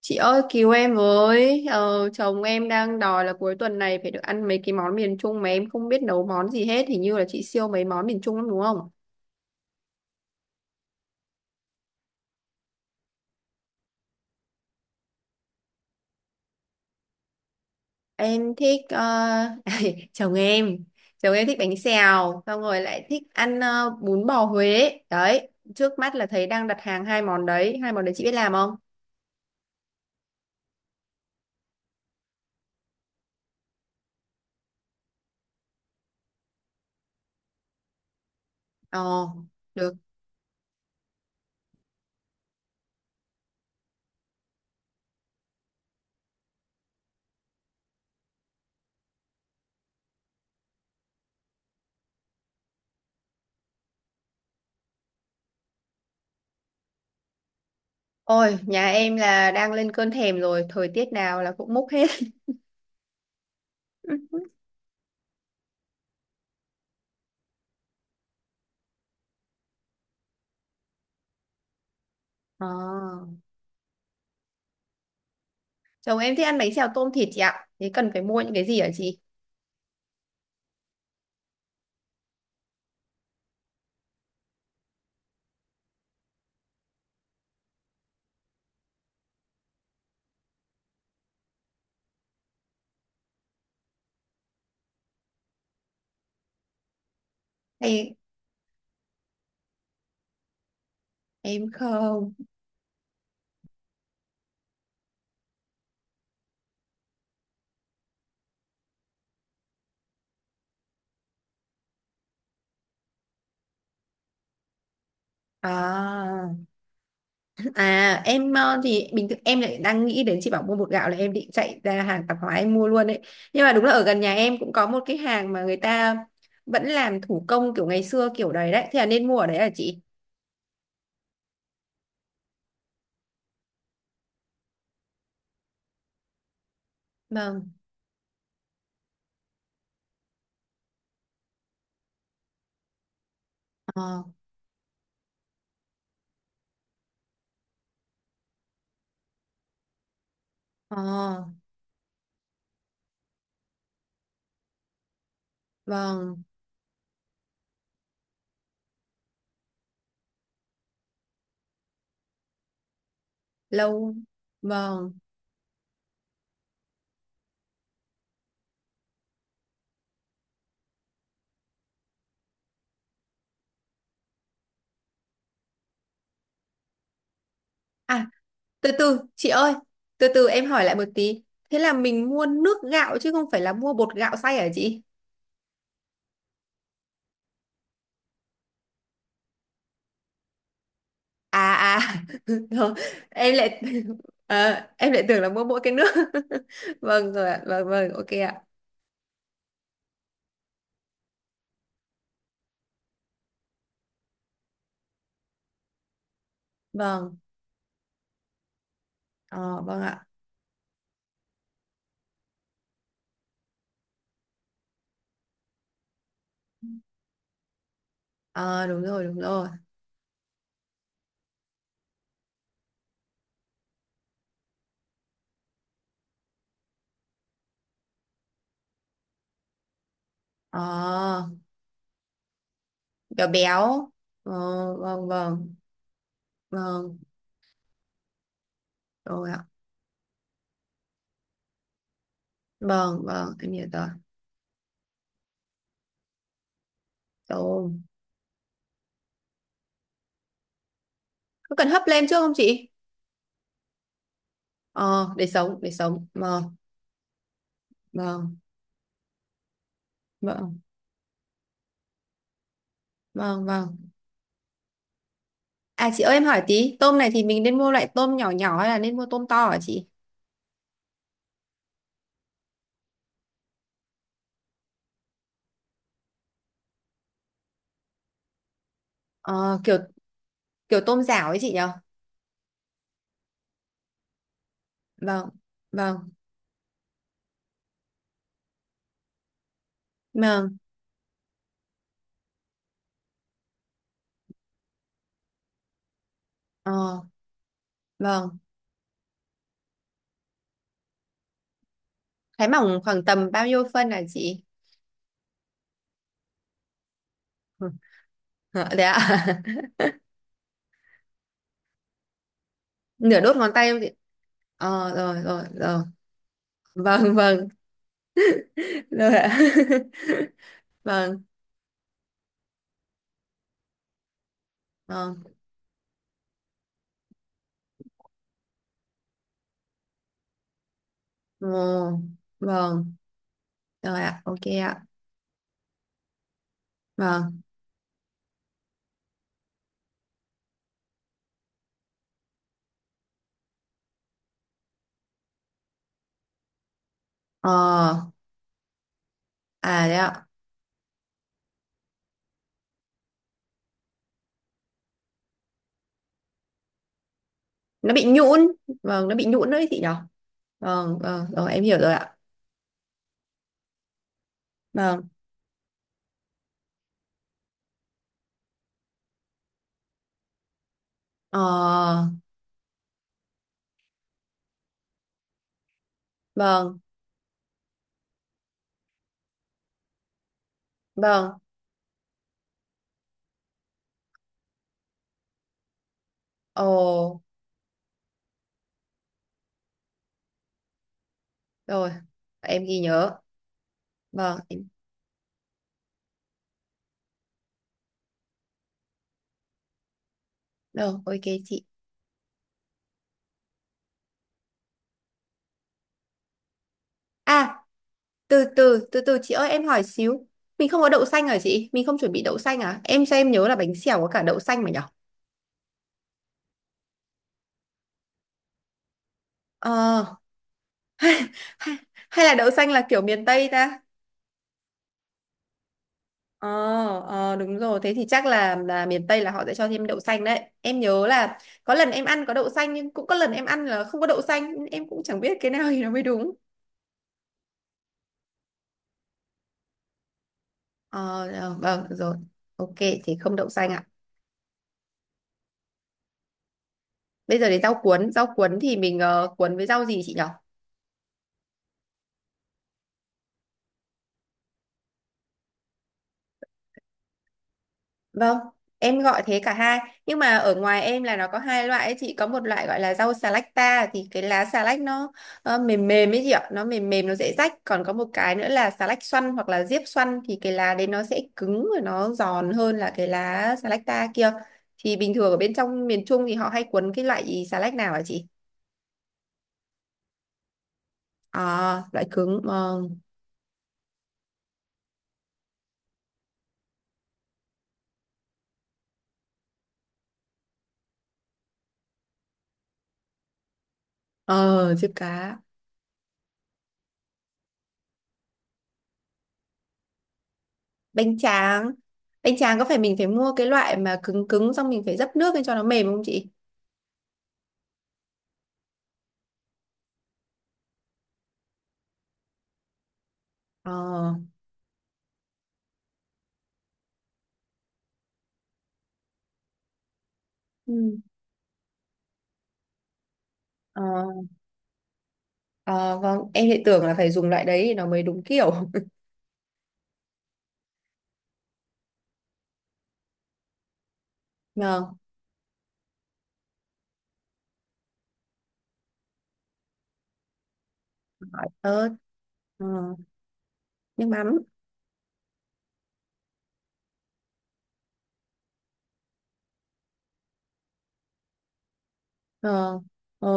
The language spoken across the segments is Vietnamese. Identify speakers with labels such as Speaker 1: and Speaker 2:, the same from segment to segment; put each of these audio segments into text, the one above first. Speaker 1: Chị ơi cứu em với, chồng em đang đòi là cuối tuần này phải được ăn mấy cái món miền Trung mà em không biết nấu món gì hết, hình như là chị siêu mấy món miền Trung lắm đúng không? Em thích, chồng em chồng em thích bánh xèo, xong rồi lại thích ăn bún bò Huế đấy. Trước mắt là thấy đang đặt hàng hai món đấy, chị biết làm không? Ờ, được. Ôi, nhà em là đang lên cơn thèm rồi, thời tiết nào là cũng múc hết. Ờ. Chồng em thích ăn bánh xèo tôm thịt chị ạ. Thế cần phải mua những cái gì hả chị? Hay em không? À, à em, thì bình thường em lại đang nghĩ đến chị bảo mua bột gạo là em định chạy ra hàng tạp hóa em mua luôn đấy. Nhưng mà đúng là ở gần nhà em cũng có một cái hàng mà người ta vẫn làm thủ công kiểu ngày xưa kiểu đấy đấy. Thế là nên mua ở đấy hả chị? Vâng. Ờ, ờ, vâng. Lâu. Vâng. À, từ từ chị ơi từ từ em hỏi lại một tí, thế là mình mua nước gạo chứ không phải là mua bột gạo xay hả chị? À à, rồi, em lại ờ, em lại tưởng là mua mỗi cái nước. Vâng rồi ạ, vâng vâng, ok ạ. Vâng. Ờ vâng ạ. Ờ, đúng rồi đúng rồi. Ờ, béo béo. Ờ, vâng vâng. Vâng rồi ạ. Vâng vâng, em hiểu rồi. Tôm có cần hấp lên trước không chị? Ờ, để sống để sống, vâng. Vâng. Vâng vâng vâng. À chị ơi em hỏi tí, tôm này thì mình nên mua loại tôm nhỏ nhỏ hay là nên mua tôm to hả chị? Ờ, kiểu kiểu tôm rảo ấy chị nhở? Vâng, vâng, vâng, ờ, vâng. Thái mỏng khoảng tầm bao nhiêu phân hả chị? Ừ, thế ạ? Nửa đốt ngón tay không chị? Ờ, rồi, rồi, rồi. Vâng, vâng, rồi ạ. Vâng, vâng. Ồ, vâng, rồi ạ, ok ạ. Vâng, ờ, à đấy ạ. Nó bị nhũn, vâng, nó bị nhũn đấy chị nhở? Vâng, vâng, rồi em hiểu rồi ạ. Vâng. Ờ, vâng, vâng, ồ, rồi, em ghi nhớ, vâng, em, rồi, ok chị. À, từ từ, chị ơi, em hỏi xíu, mình không có đậu xanh hả chị? Mình không chuẩn bị đậu xanh à? Em xem em nhớ là bánh xèo có cả đậu xanh mà nhở? Ờ, hay, hay là đậu xanh là kiểu miền Tây ta? Ờ, ờ, đúng rồi, thế thì chắc là miền Tây là họ sẽ cho thêm đậu xanh đấy. Em nhớ là có lần em ăn có đậu xanh nhưng cũng có lần em ăn là không có đậu xanh, em cũng chẳng biết cái nào thì nó mới đúng. Ờ, ờ, vâng, được rồi. Ok, thế không đậu xanh ạ. Bây giờ đến rau cuốn. Rau cuốn thì mình, cuốn với rau gì chị nhỉ? Vâng, em gọi thế cả hai. Nhưng mà ở ngoài em là nó có hai loại ấy chị. Có một loại gọi là rau xà lách ta. Thì cái lá xà lách nó, mềm mềm ấy chị ạ. Nó mềm mềm, nó dễ rách. Còn có một cái nữa là xà lách xoăn hoặc là diếp xoăn. Thì cái lá đấy nó sẽ cứng và nó giòn hơn là cái lá xà lách ta kia. Thì bình thường ở bên trong miền Trung thì họ hay cuốn cái loại xà lách nào hả chị? À, loại cứng. Vâng. Ờ, diếp cá. Bánh tráng. Bánh tráng có phải mình phải mua cái loại mà cứng cứng xong mình phải dấp nước lên cho nó mềm không chị? Ờ. Ừ. Ờ, ờ, vâng, em lại tưởng là phải dùng loại đấy thì nó mới đúng kiểu. Vâng. Hỏi ớt. ờ, nước mắm. Ờ. Ờ.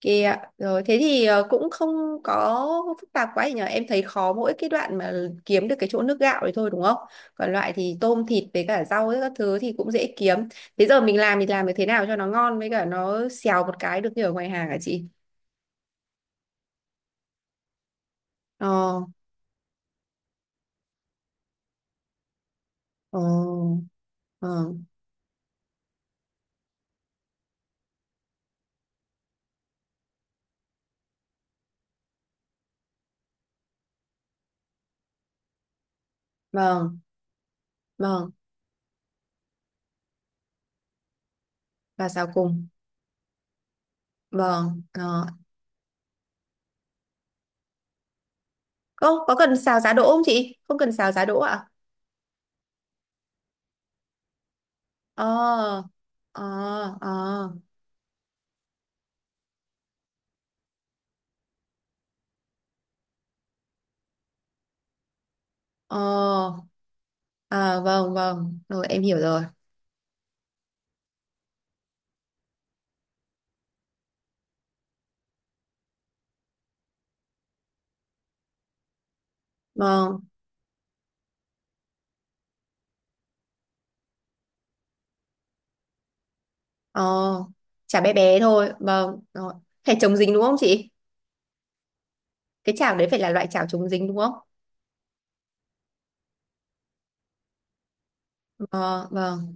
Speaker 1: Kìa, ạ. Rồi thế thì, cũng không có phức tạp quá gì nhở. Em thấy khó mỗi cái đoạn mà kiếm được cái chỗ nước gạo đấy thôi đúng không? Còn loại thì tôm thịt với cả rau ấy, các thứ thì cũng dễ kiếm. Thế giờ mình làm thì làm được thế nào cho nó ngon với cả nó xèo một cái được như ở ngoài hàng hả chị? Ờ, ờ, vâng, vâng, vâng. Và xào cùng. Vâng, ờ. Ô, có cần xào giá đỗ không chị? Không cần xào giá đỗ ạ? Ờ, ờ, ờ. Ờ, à vâng vâng, rồi em hiểu rồi. Vâng, ờ, chả bé bé thôi. Vâng, rồi. Phải chống dính đúng không chị? Cái chảo đấy phải là loại chảo chống dính đúng không? Ờ, vâng,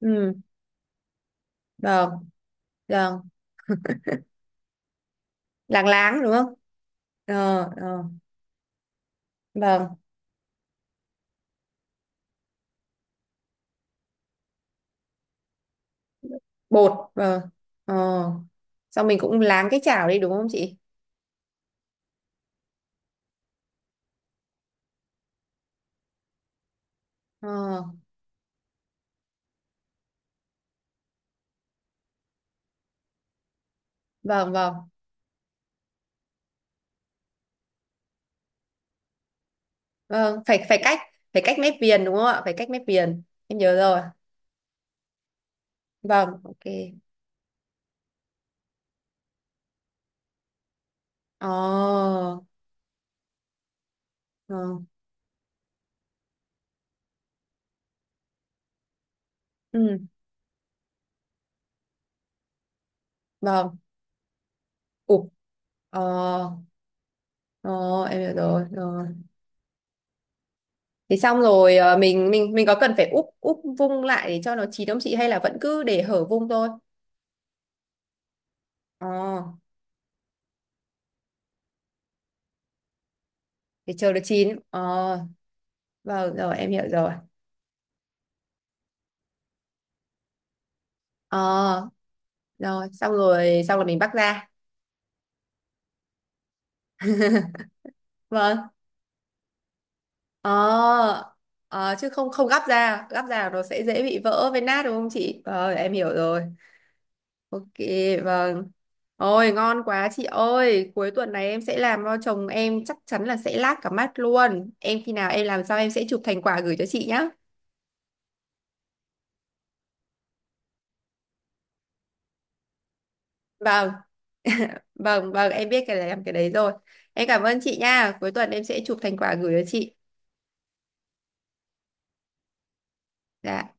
Speaker 1: ừ, vâng, vâng, láng láng đúng không? Ờ, ờ, vâng, bột, vâng, ờ. Xong mình cũng láng cái chảo đi đúng không chị? Ờ, vâng, vâng, vâng, phải phải cách mép viền đúng không ạ? Phải cách mép viền, em nhớ rồi. Vâng, ok. Ờ, ờ. Ừ. Vâng. Ủa, ờ, ờ, em hiểu rồi, rồi. Thế xong rồi, mình có cần phải úp úp vung lại để cho nó chín không chị hay là vẫn cứ để hở vung thôi? Ờ, để chờ nó chín. Ờ, vâng rồi em hiểu rồi. Ờ, rồi xong rồi mình bắc ra. Vâng. Ờ, ờ, chứ không, không gắp ra, nó sẽ dễ bị vỡ với nát đúng không chị? Ờ, em hiểu rồi. Ok, vâng. Ôi, ngon quá chị ơi. Cuối tuần này em sẽ làm cho chồng em chắc chắn là sẽ lác cả mắt luôn. Em khi nào em làm sao em sẽ chụp thành quả gửi cho chị nhá. Vâng, vâng, vâng, em biết cái này làm cái đấy rồi. Em cảm ơn chị nha. Cuối tuần em sẽ chụp thành quả gửi cho chị. Dạ.